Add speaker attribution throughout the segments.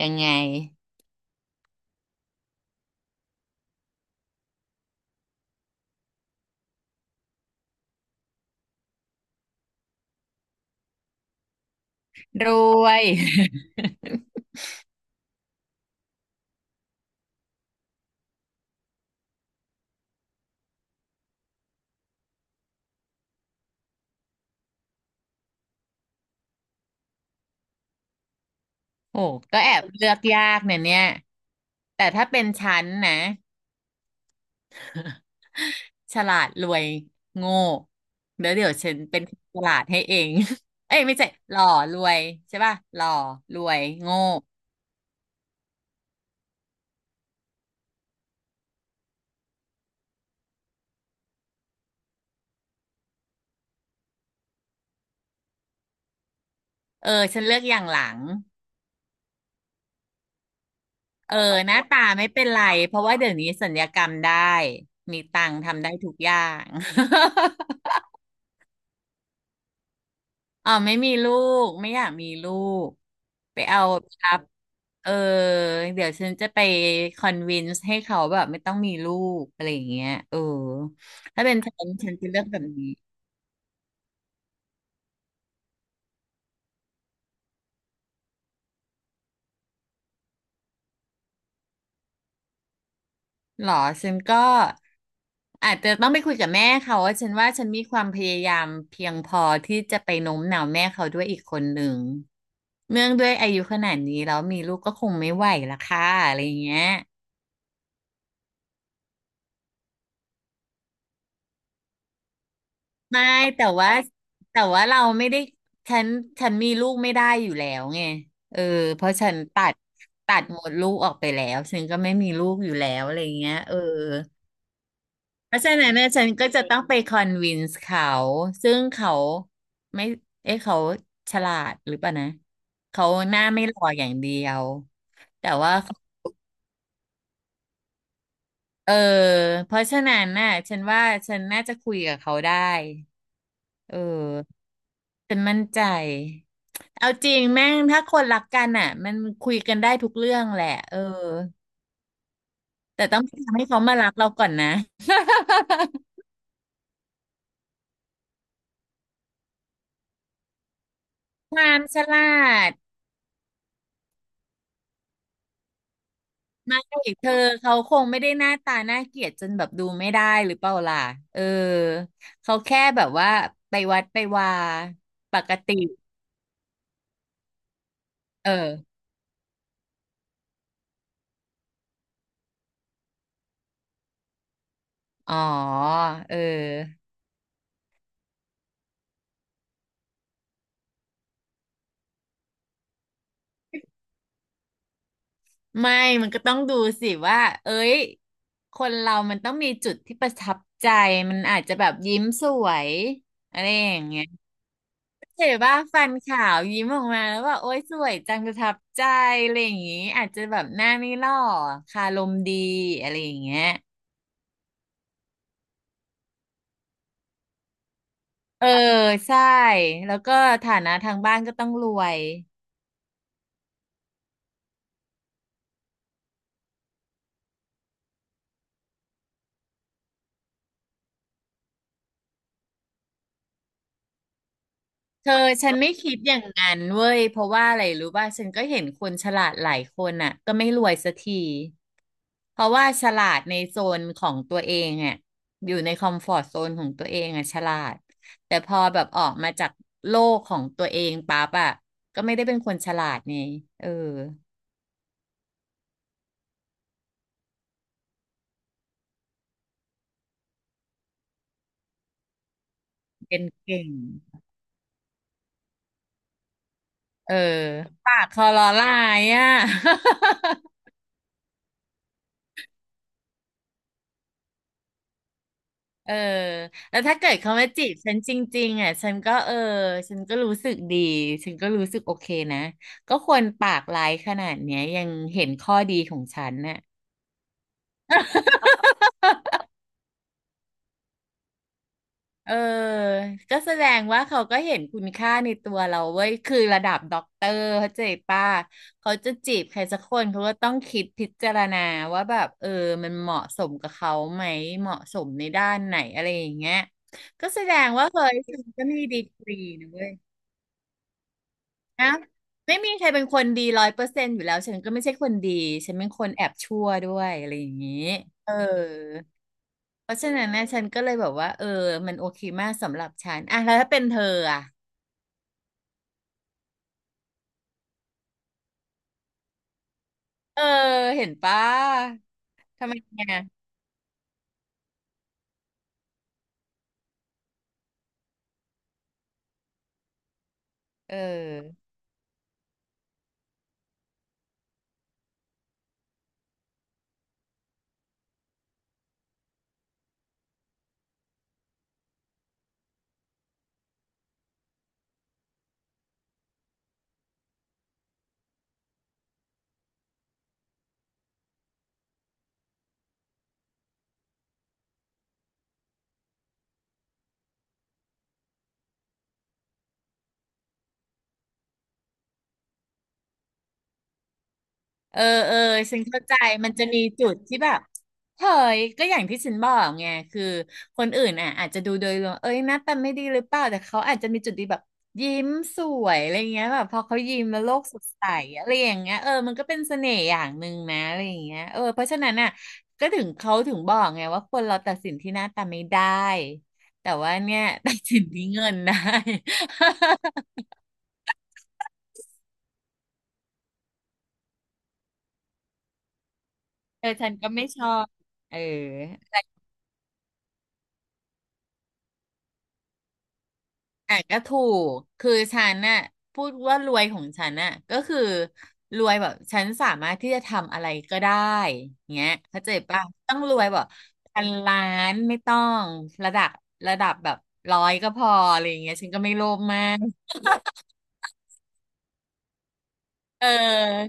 Speaker 1: ยังไงรวย โอ้ก็แอบเลือกยากเนี่ยแต่ถ้าเป็นฉันนะฉลาดรวยโง่เดี๋ยวฉันเป็นคนฉลาดให้เอง เอ้ยไม่ใช่หล่อรวยใช่ป่ะหล่อรวยโง่เออฉันเลือกอย่างหลังเออหน้าตาไม่เป็นไรเพราะว่าเดี๋ยวนี้สัญญกรรมได้มีตังค์ทำได้ทุกอย่าง อ๋อไม่มีลูกไม่อยากมีลูกไปเอาครับเออเดี๋ยวฉันจะไปคอนวินส์ให้เขาแบบไม่ต้องมีลูกอะไรอย่างเงี้ยเออถ้าเป็นฉันจะเลือกแบบนี้หรอฉันก็อาจจะต้องไปคุยกับแม่เขาว่าฉันมีความพยายามเพียงพอที่จะไปโน้มน้าวแม่เขาด้วยอีกคนหนึ่งเนื่องด้วยอายุขนาดนี้แล้วมีลูกก็คงไม่ไหวละค่ะอะไรอย่างเงี้ย ไม่แต่ว่าแต่ว่าเราไม่ได้ฉันฉันมีลูกไม่ได้อยู่แล้วไงเออเพราะฉันตัดหมดลูกออกไปแล้วฉันก็ไม่มีลูกอยู่แล้วอะไรเงี้ยเออเพราะฉะนั้นเนี่ยฉันก็จะต้องไปคอนวินส์เขาซึ่งเขาไม่เอ๊ะเขาฉลาดหรือเปล่านะเขาหน้าไม่หล่ออย่างเดียวแต่ว่าเออเพราะฉะนั้นน่ะฉันว่าฉันน่าจะคุยกับเขาได้ เออฉันมั่นใจ เอาจริงแม่งถ้าคนรักกันอ่ะมันคุยกันได้ทุกเรื่องแหละเออแต่ต้องทำให้เขามารักเราก่อนนะ ความฉลาดไม่เธอ เขาคงไม่ได้หน้าตาน่าเกลียดจนแบบดูไม่ได้หรือเปล่าล่ะ เออ เขาแค่แบบว่าไปวัดไปวาปกติเอออ๋อเออ ไม่มันก็ต้องดูสิว่าเอ้ยคนเรามันต้องมีจุดที่ประทับใจ มันอาจจะแบบยิ้มสวยอะไรอย่างเงี้ยเห็นว่าฟันขาวยิ้มออกมาแล้วว่าโอ๊ยสวยจังประทับใจอะไรอย่างงี้อาจจะแบบหน้าไม่หล่อคารมดีอะไรอย่างเงี้ยเออใช่ แล้วก็ฐานะทางบ้านก็ต้องรวย เธอฉันไม่คิดอย่างนั้นเว้ยเพราะว่าอะไรรู้ป่ะฉันก็เห็นคนฉลาดหลายคนอ่ะก็ไม่รวยสักทีเพราะว่าฉลาดในโซนของตัวเองอ่ะอยู่ในคอมฟอร์ตโซนของตัวเองอ่ะฉลาดแต่พอแบบออกมาจากโลกของตัวเองปั๊บอ่ะก็ไม่ได้เป็นคนฉลาดไงเออเป็นเก่งเออปากคอลอลายอ่ะ เออแล้วถ้าเกิดเขามาจีบฉันจริงๆอ่ะฉันก็เออ ฉันก็รู้สึกดี ฉันก็รู้สึกโอเคนะก็ควรปากร้ายขนาดเนี้ยยังเห็นข้อดีของฉันน่ะเออก็แสดงว่าเขาก็เห็นคุณค่าในตัวเราเว้ยคือระดับด็อกเตอร์เขาใจป้าเขาจะจีบใครสักคนเขาก็ต้องคิดพิจารณาว่าแบบเออ มันเหมาะสมกับเขาไหมเหมาะสมในด้านไหนอะไรอย่างเงี้ยก็แสดงว่าเคยฉันก็มีดีกรีนะเว้ย นะไม่มีใครเป็นคนดีร้อยเปอร์เซ็นต์อยู่แล้วฉันก็ไม่ใช่คนดีฉันเป็นคนแอบชั่วด้วยอะไรอย่างนี้เออเพราะฉะนั้นนะฉันก็เลยแบบว่าเออมันโอเคมากสำหรับฉันอ่ะแล้วถ้าเป็นเธออ่ะเออเห็นปะทำไมเนี่ยเออ เออเออฉันเข้าใจมันจะมีจุดที่แบบเฮ้ยก็อย่างที่ฉันบอกไงคือคนอื่นอ่ะอาจจะดูโดยรวมเอ้ยหน้าตาไม่ดีหรือเปล่าแต่เขาอาจจะมีจุดดีแบบยิ้มสวยอะไรเงี้ยแบบพอเขายิ้มแล้วโลกสดใสอะไรอย่างเงี้ยเออมันก็เป็นเสน่ห์อย่างหนึ่งนะอะไรอย่างเงี้ยเออเพราะฉะนั้นอ่ะก็ถึงเขาถึงบอกไงว่าคนเราตัดสินที่หน้าตาไม่ได้แต่ว่าเนี่ย ตัดสินที่เงินได้ เออฉันก็ไม่ชอบเออ อ่ะก็ถูกคือฉันน่ะพูดว่ารวยของฉันน่ะก็คือรวยแบบฉันสามารถที่จะทำอะไรก็ได้เงี้ยเข้าใจป่ะต้องรวยแบบพันล้านไม่ต้องระดับระดับแบบร้อยก็พออะไรอย่างเงี้ยฉันก็ไม่โลภมากเออ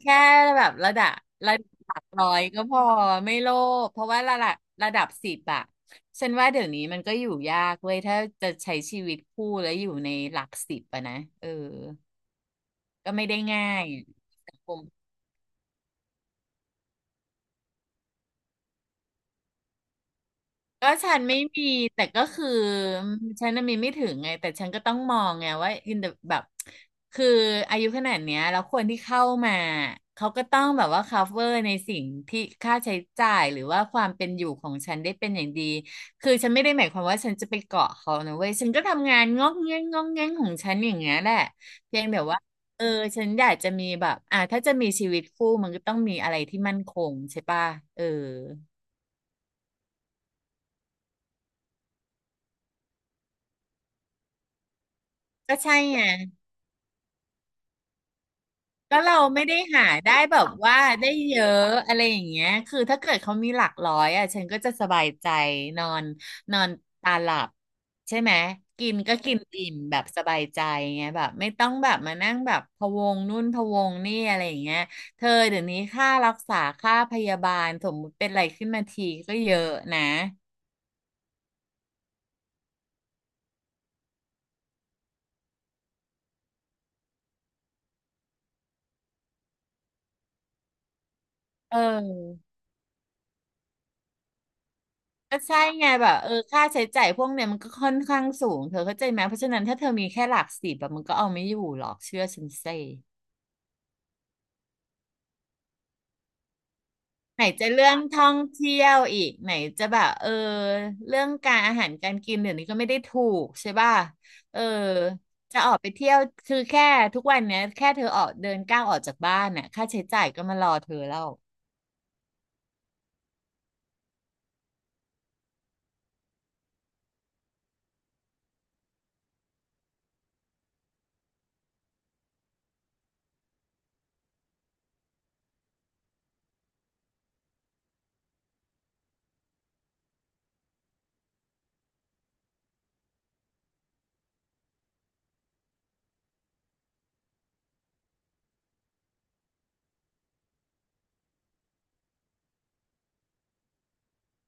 Speaker 1: แค่แบบระดับร้อยก็พอไม่โลภเพราะว่าระดับสิบอะฉันว่าเดี๋ยวนี้มันก็อยู่ยากเว้ยถ้าจะใช้ชีวิตคู่แล้วอยู่ในหลักสิบอะนะเออ ก็ไม่ได้ง่ายสังคมก็ฉันไม่มีแต่ก็คือฉันน่ะมีไม่ถึงไงแต่ฉันก็ต้องมองไงว่าอินแบบคืออายุขนาดเนี้ยแล้วคนที่เข้ามาเขาก็ต้องแบบว่า cover ในสิ่งที่ค่าใช้จ่ายหรือว่าความเป็นอยู่ของฉันได้เป็นอย่างดีคือฉันไม่ได้หมายความว่าฉันจะไปเกาะเขานะเว้ยฉันก็ทำงานงอกเงี้ยงงอกเงี้ยงของฉันอย่างเงี้ยแหละเพียงแต่ว่าเออฉันอยากจะมีแบบถ้าจะมีชีวิตคู่มันก็ต้องมีอะไรที่มั่นคงใช่ป่ะเออ ก็ใช่ไงก็เราไม่ได้หาได้แบบว่าได้เยอะอะไรอย่างเงี้ยคือถ้าเกิดเขามีหลักร้อยอ่ะฉันก็จะสบายใจนอนนอนตาหลับใช่ไหม กินก็กินอิ่มแบบสบายใจไงแบบไม่ต้องแบบมานั่งแบบพะวงนู่นพะวงนี่อะไรอย่างเงี้ยเธอเดี๋ยวนี้ค่ารักษาค่าพยาบาลสมมติเป็นอะไรขึ้นมาทีก็เยอะนะเออ ก็ใช่ไงแบบค่าใช้จ่ายพวกเนี้ยมันก็ค่อนข้างสูงเธอเข้าใจไหมเพราะฉะนั้นถ้าเธอมีแค่หลักสิบแบบมันก็เอาไม่อยู่หรอกเชื่อฉันสิไหนจะเรื่องท่องเที่ยวอีกไหนจะแบบเรื่องการอาหารการกินเดี๋ยวนี้ก็ไม่ได้ถูกใช่ป่ะเออจะออกไปเที่ยวคือแค่ทุกวันเนี้ยแค่เธอออกเดินก้าวออกจากบ้านน่ะค่าใช้จ่ายก็มารอเธอแล้ว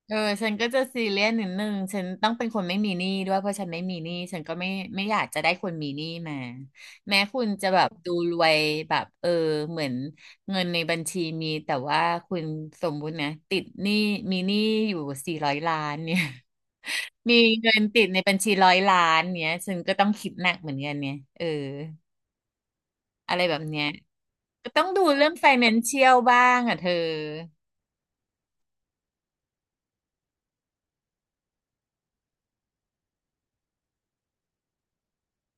Speaker 1: เออฉันก็จะซีเรียสนิดนึงฉันต้องเป็นคนไม่มีหนี้ด้วยเพราะฉันไม่มีหนี้ฉันก็ไม่อยากจะได้คนมีหนี้มาแม้คุณจะแบบดูรวยแบบเหมือนเงินในบัญชีมีแต่ว่าคุณสมมุตินะติดหนี้มีหนี้อยู่สี่ร้อยล้านเนี่ย มีเงินติดในบัญชีร้อยล้านเนี่ยฉันก็ต้องคิดหนักเหมือนกันเนี่ยเอออะไรแบบเนี้ยก็ต้องดูเรื่องไฟแนนเชียลบ้างอ่ะเธอ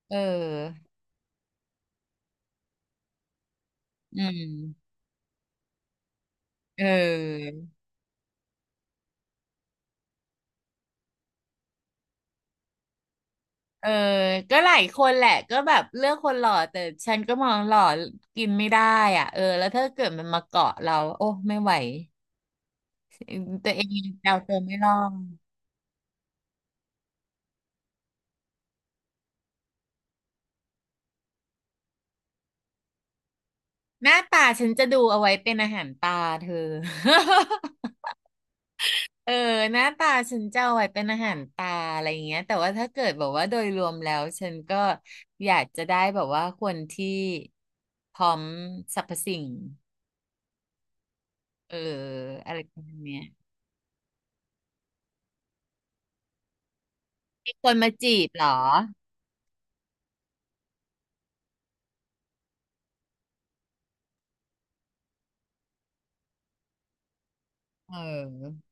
Speaker 1: เอออืมเออ เออก็หลายคนแหละก็แบบเลือกคนหล่อแต่ฉันก็มองหล่อกินไม่ได้อ่ะเออแล้วถ้าเกิดมันมาเกาะเราโอ้ไม่ไหวตัวเองยังเอาตัวไม่รอดหน้าตาฉันจะดูเอาไว้เป็นอาหารตาเธอ เออหน้าตาฉันจะเอาไว้เป็นอาหารตาอะไรอย่างเงี้ยแต่ว่าถ้าเกิดแบบว่าโดยรวมแล้วฉันก็อยากจะได้แบบว่าคนที่พร้อมสรรพสิ่งเอออะไรประมาณเนี้ยมีคนมาจีบเหรอเออ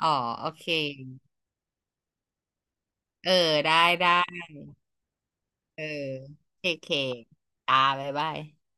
Speaker 1: อ๋อโอเคเออได้ได้เออเคเคตาบ๊ายบาย